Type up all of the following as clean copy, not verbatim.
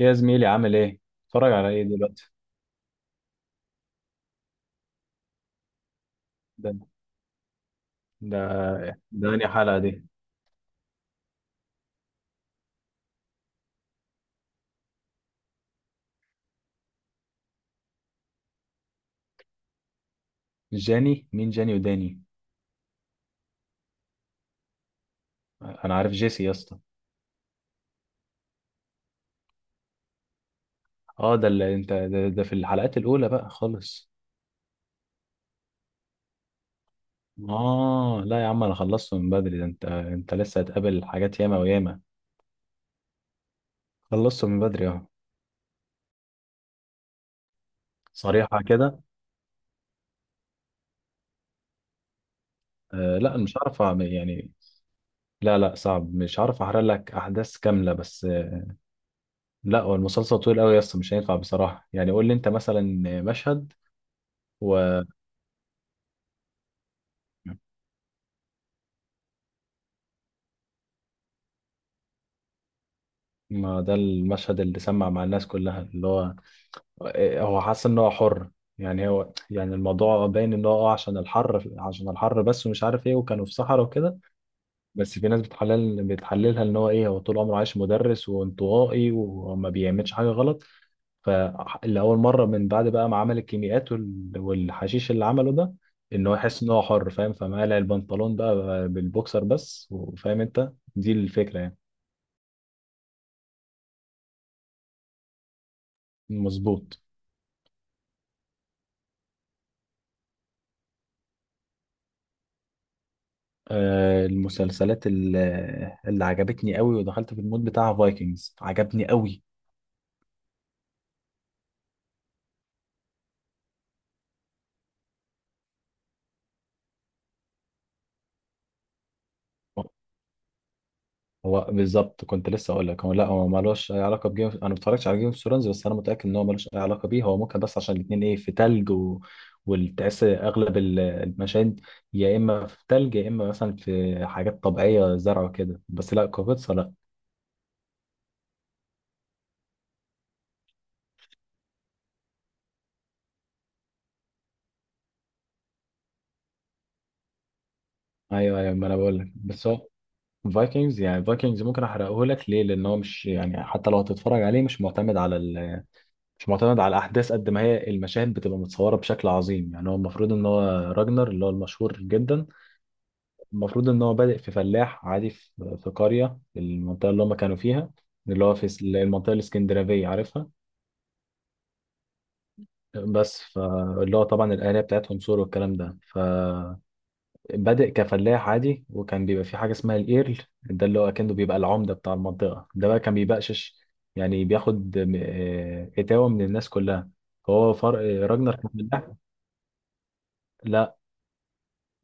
يا زميلي عامل ايه؟ اتفرج على ايه دلوقتي؟ ده ده ده انهي حلقة دي؟ جاني؟ مين جاني وداني؟ انا عارف جيسي يا اسطى. اه، ده اللي انت ده في الحلقات الأولى بقى خالص. اه لا يا عم، انا خلصته من بدري، ده انت لسه هتقابل حاجات ياما وياما. خلصته من بدري، اه. صريحة كده. آه لا، مش عارف يعني. لا لا، صعب، مش عارف احرق لك احداث كاملة بس. لا، هو المسلسل طويل قوي يا اسطى، مش هينفع بصراحة، يعني قول لي انت مثلا. مشهد. ما ده المشهد اللي سمع مع الناس كلها اللي هو هو حاسس ان هو حر. يعني هو، يعني الموضوع باين ان هو عشان الحر، عشان الحر بس، ومش عارف ايه، وكانوا في صحراء وكده. بس في ناس بتحللها ان هو ايه، هو طول عمره عايش مدرس وانطوائي وما بيعملش حاجه غلط. فلأول مره من بعد بقى ما عمل الكيميائيات والحشيش اللي عمله ده، ان هو يحس ان هو حر، فاهم، فمقلع البنطلون بقى، بالبوكسر بس، وفاهم انت دي الفكره يعني. مظبوط. المسلسلات اللي عجبتني قوي، ودخلت في المود بتاع فايكنجز، عجبني قوي. هو بالظبط كنت لسه اقول لك، هو لا، هو مالوش اي علاقه بجيم، انا ما اتفرجتش على جيم اوف ثرونز، بس انا متاكد ان هو مالوش اي علاقه بيه. هو ممكن بس عشان الاثنين ايه، في تلج والتعس اغلب المشاهد. يا اما في تلج يا اما مثلا في حاجات طبيعيه زرع وكده، بس لا كوفيتسا لا. ايوه ايوه، ما انا بقول لك، بس هو فايكنجز، يعني فايكنجز ممكن احرقه لك ليه، لان هو مش يعني، حتى لو هتتفرج عليه مش معتمد على الاحداث قد ما هي المشاهد بتبقى متصوره بشكل عظيم. يعني هو المفروض ان هو راجنر اللي هو المشهور جدا، المفروض ان هو بادئ في فلاح عادي، في قريه المنطقه اللي هم كانوا فيها. اللي هو في المنطقه الاسكندنافيه عارفها. بس فاللي هو طبعا الاهالي بتاعتهم سور والكلام ده، فبادئ كفلاح عادي. وكان بيبقى في حاجه اسمها الايرل، ده اللي هو كأنه بيبقى العمده بتاع المنطقه، ده بقى كان بيبقشش، يعني بياخد اتاوه من الناس كلها. هو فرق راجنر كان فلاح. لا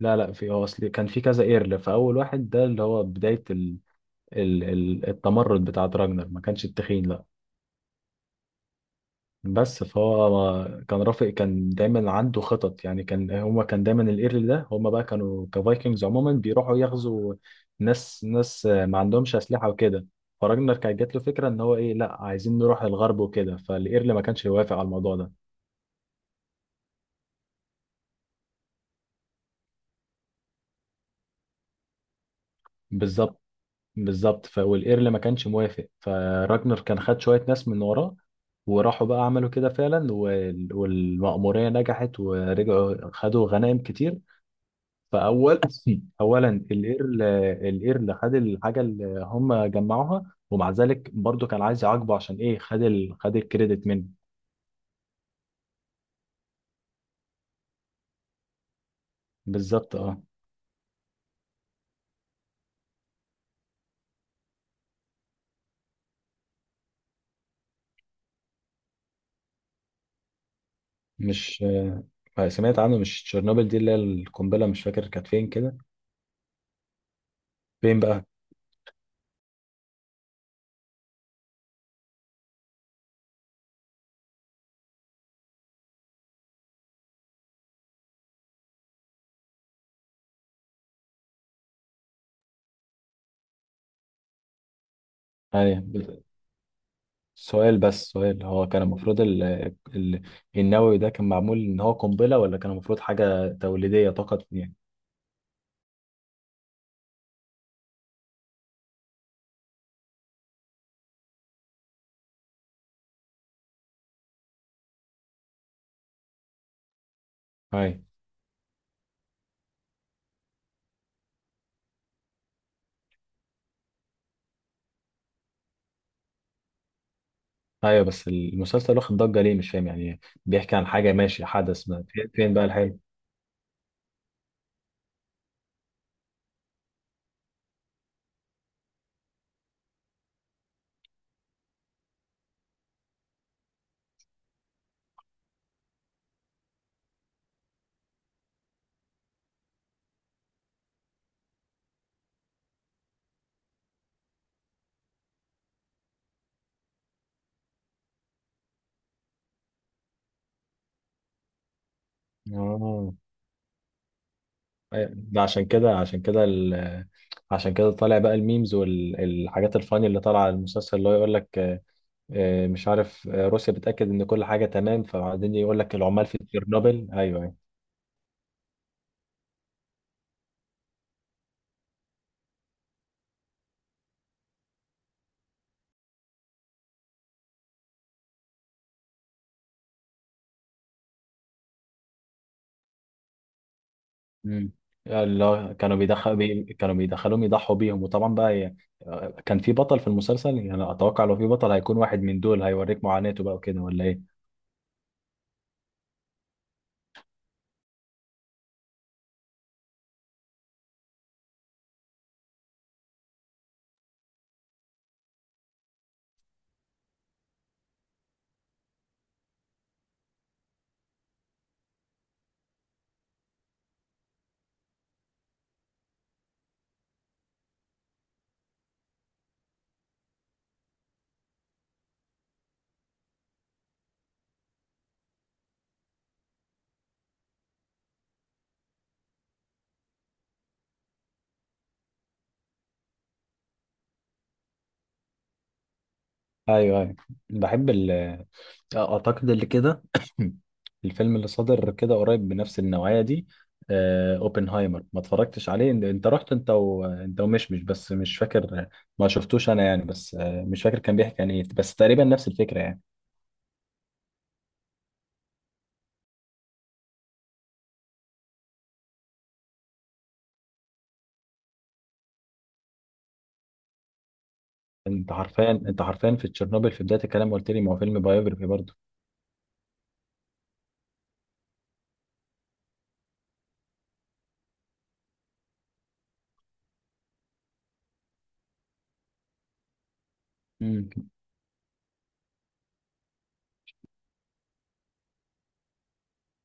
لا لا، في هو اصل كان في كذا ايرل، فاول واحد ده اللي هو بدايه التمرد بتاع دراجنر، ما كانش التخين لا. بس فهو كان رافق، كان دايما عنده خطط، يعني كان هما، كان دايما الايرل ده هما بقى كانوا كفايكنجز عموما بيروحوا يغزوا ناس ناس ما عندهمش اسلحه وكده. فراجنر كانت جات له فكره ان هو ايه، لا عايزين نروح الغرب وكده، فالايرل ما كانش يوافق على الموضوع ده. بالظبط. بالظبط، والايرل ما كانش موافق، فراجنر كان خد شويه ناس من وراه، وراحوا بقى عملوا كده فعلا، والمأمورية نجحت ورجعوا خدوا غنائم كتير. فأول أولا الإيرل. الإيرل خد الحاجة اللي هم جمعوها، ومع ذلك برضو كان عايز يعاقبه، عشان إيه، خد خد الكريدت منه. بالظبط، اه. مش آه، سمعت عنه. مش تشيرنوبل دي اللي هي القنبلة، مش فاكر كانت فين كده؟ فين بقى؟ أيوه. سؤال، بس سؤال، هو كان المفروض ال... النووي ده كان معمول ان هو قنبلة، ولا كان المفروض حاجة توليدية فقط يعني؟ ايوه ايوه، بس المسلسل واخد ضجة ليه، مش فاهم يعني، بيحكي عن حاجة ماشي، حدث ما، فين فين بقى الحلو؟ اه. أيوة، ده عشان كده، عشان كده عشان كده طالع بقى الميمز والحاجات الفاني اللي طالعه على المسلسل، اللي هو يقول لك مش عارف، روسيا بتأكد ان كل حاجة تمام، فبعدين يقول لك العمال في تشيرنوبل ايوه أيوه. مم. اللي هو كانوا كانوا بيدخلوهم يضحوا بيهم، وطبعا بقى كان في بطل في المسلسل يعني. اتوقع لو في بطل هيكون واحد من دول، هيوريك معاناته بقى وكده، ولا ايه؟ ايوه ايوه. بحب اعتقد اللي كده. الفيلم اللي صدر كده قريب بنفس النوعية دي، اوبنهايمر، ما اتفرجتش عليه. انت رحت انت ومشمش، بس مش فاكر، ما شفتوش انا يعني. بس مش فاكر كان بيحكي عن ايه، بس تقريبا نفس الفكرة يعني. انت حرفيا في تشيرنوبل في بدايه الكلام قلت لي ما هو فيلم بايوجرافي برضه. امم.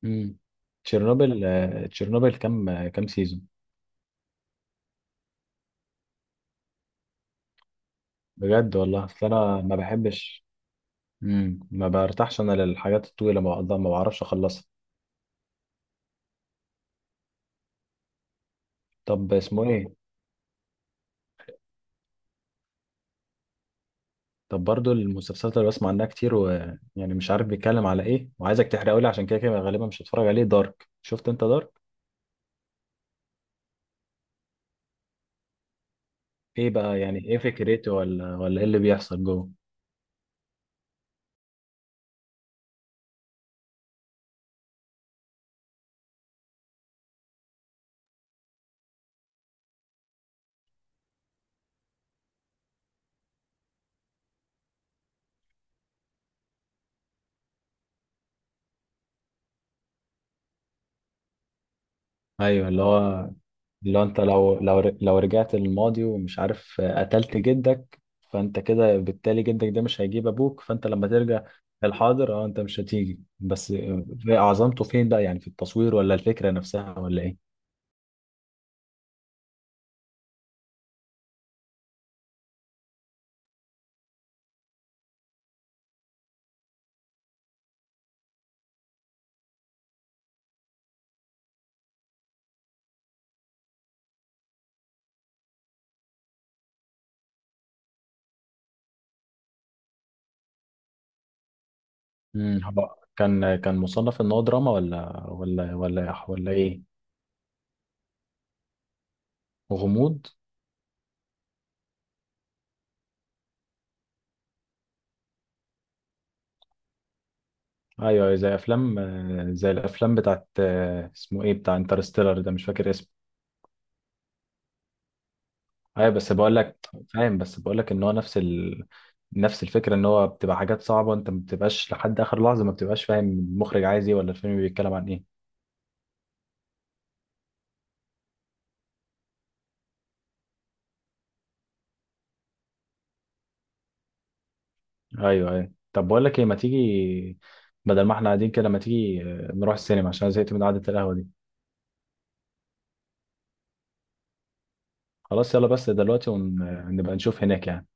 امم. تشيرنوبل كام سيزون؟ بجد والله؟ اصل انا ما بحبش. مم. ما برتاحش انا للحاجات الطويله، ما بعرفش اخلصها. طب اسمه ايه؟ طب برضو المسلسلات اللي بسمع عنها كتير، ويعني مش عارف بيتكلم على ايه، وعايزك تحرقه لي عشان كده كده غالبا مش هتفرج عليه. دارك، شفت انت دارك؟ ايه بقى يعني؟ ايه فكرته ولا ايه اللي بيحصل جوه؟ ايوه، اللي هو لو انت لو لو لو رجعت للماضي ومش عارف قتلت جدك، فانت كده بالتالي جدك ده مش هيجيب ابوك، فانت لما ترجع للحاضر، اه، انت مش هتيجي بس. في عظمته فين بقى؟ يعني في التصوير، ولا الفكرة نفسها، ولا ايه؟ امم. هو كان مصنف ان هو دراما ولا ايه؟ غموض. ايوه، زي افلام، زي الافلام بتاعت، اسمه ايه، بتاع انترستيلر ده مش فاكر اسمه. ايوه، بس بقول لك فاهم، بس بقول لك ان هو نفس نفس الفكره، ان هو بتبقى حاجات صعبه، انت ما بتبقاش لحد اخر لحظه ما بتبقاش فاهم المخرج عايز ايه، ولا الفيلم بيتكلم عن ايه. ايوه ايوه. طب بقول لك ايه، ما تيجي، بدل ما احنا قاعدين كده، ما تيجي نروح السينما، عشان أنا زهقت من قعده القهوه دي. خلاص، يلا بس دلوقتي، ونبقى نشوف هناك يعني.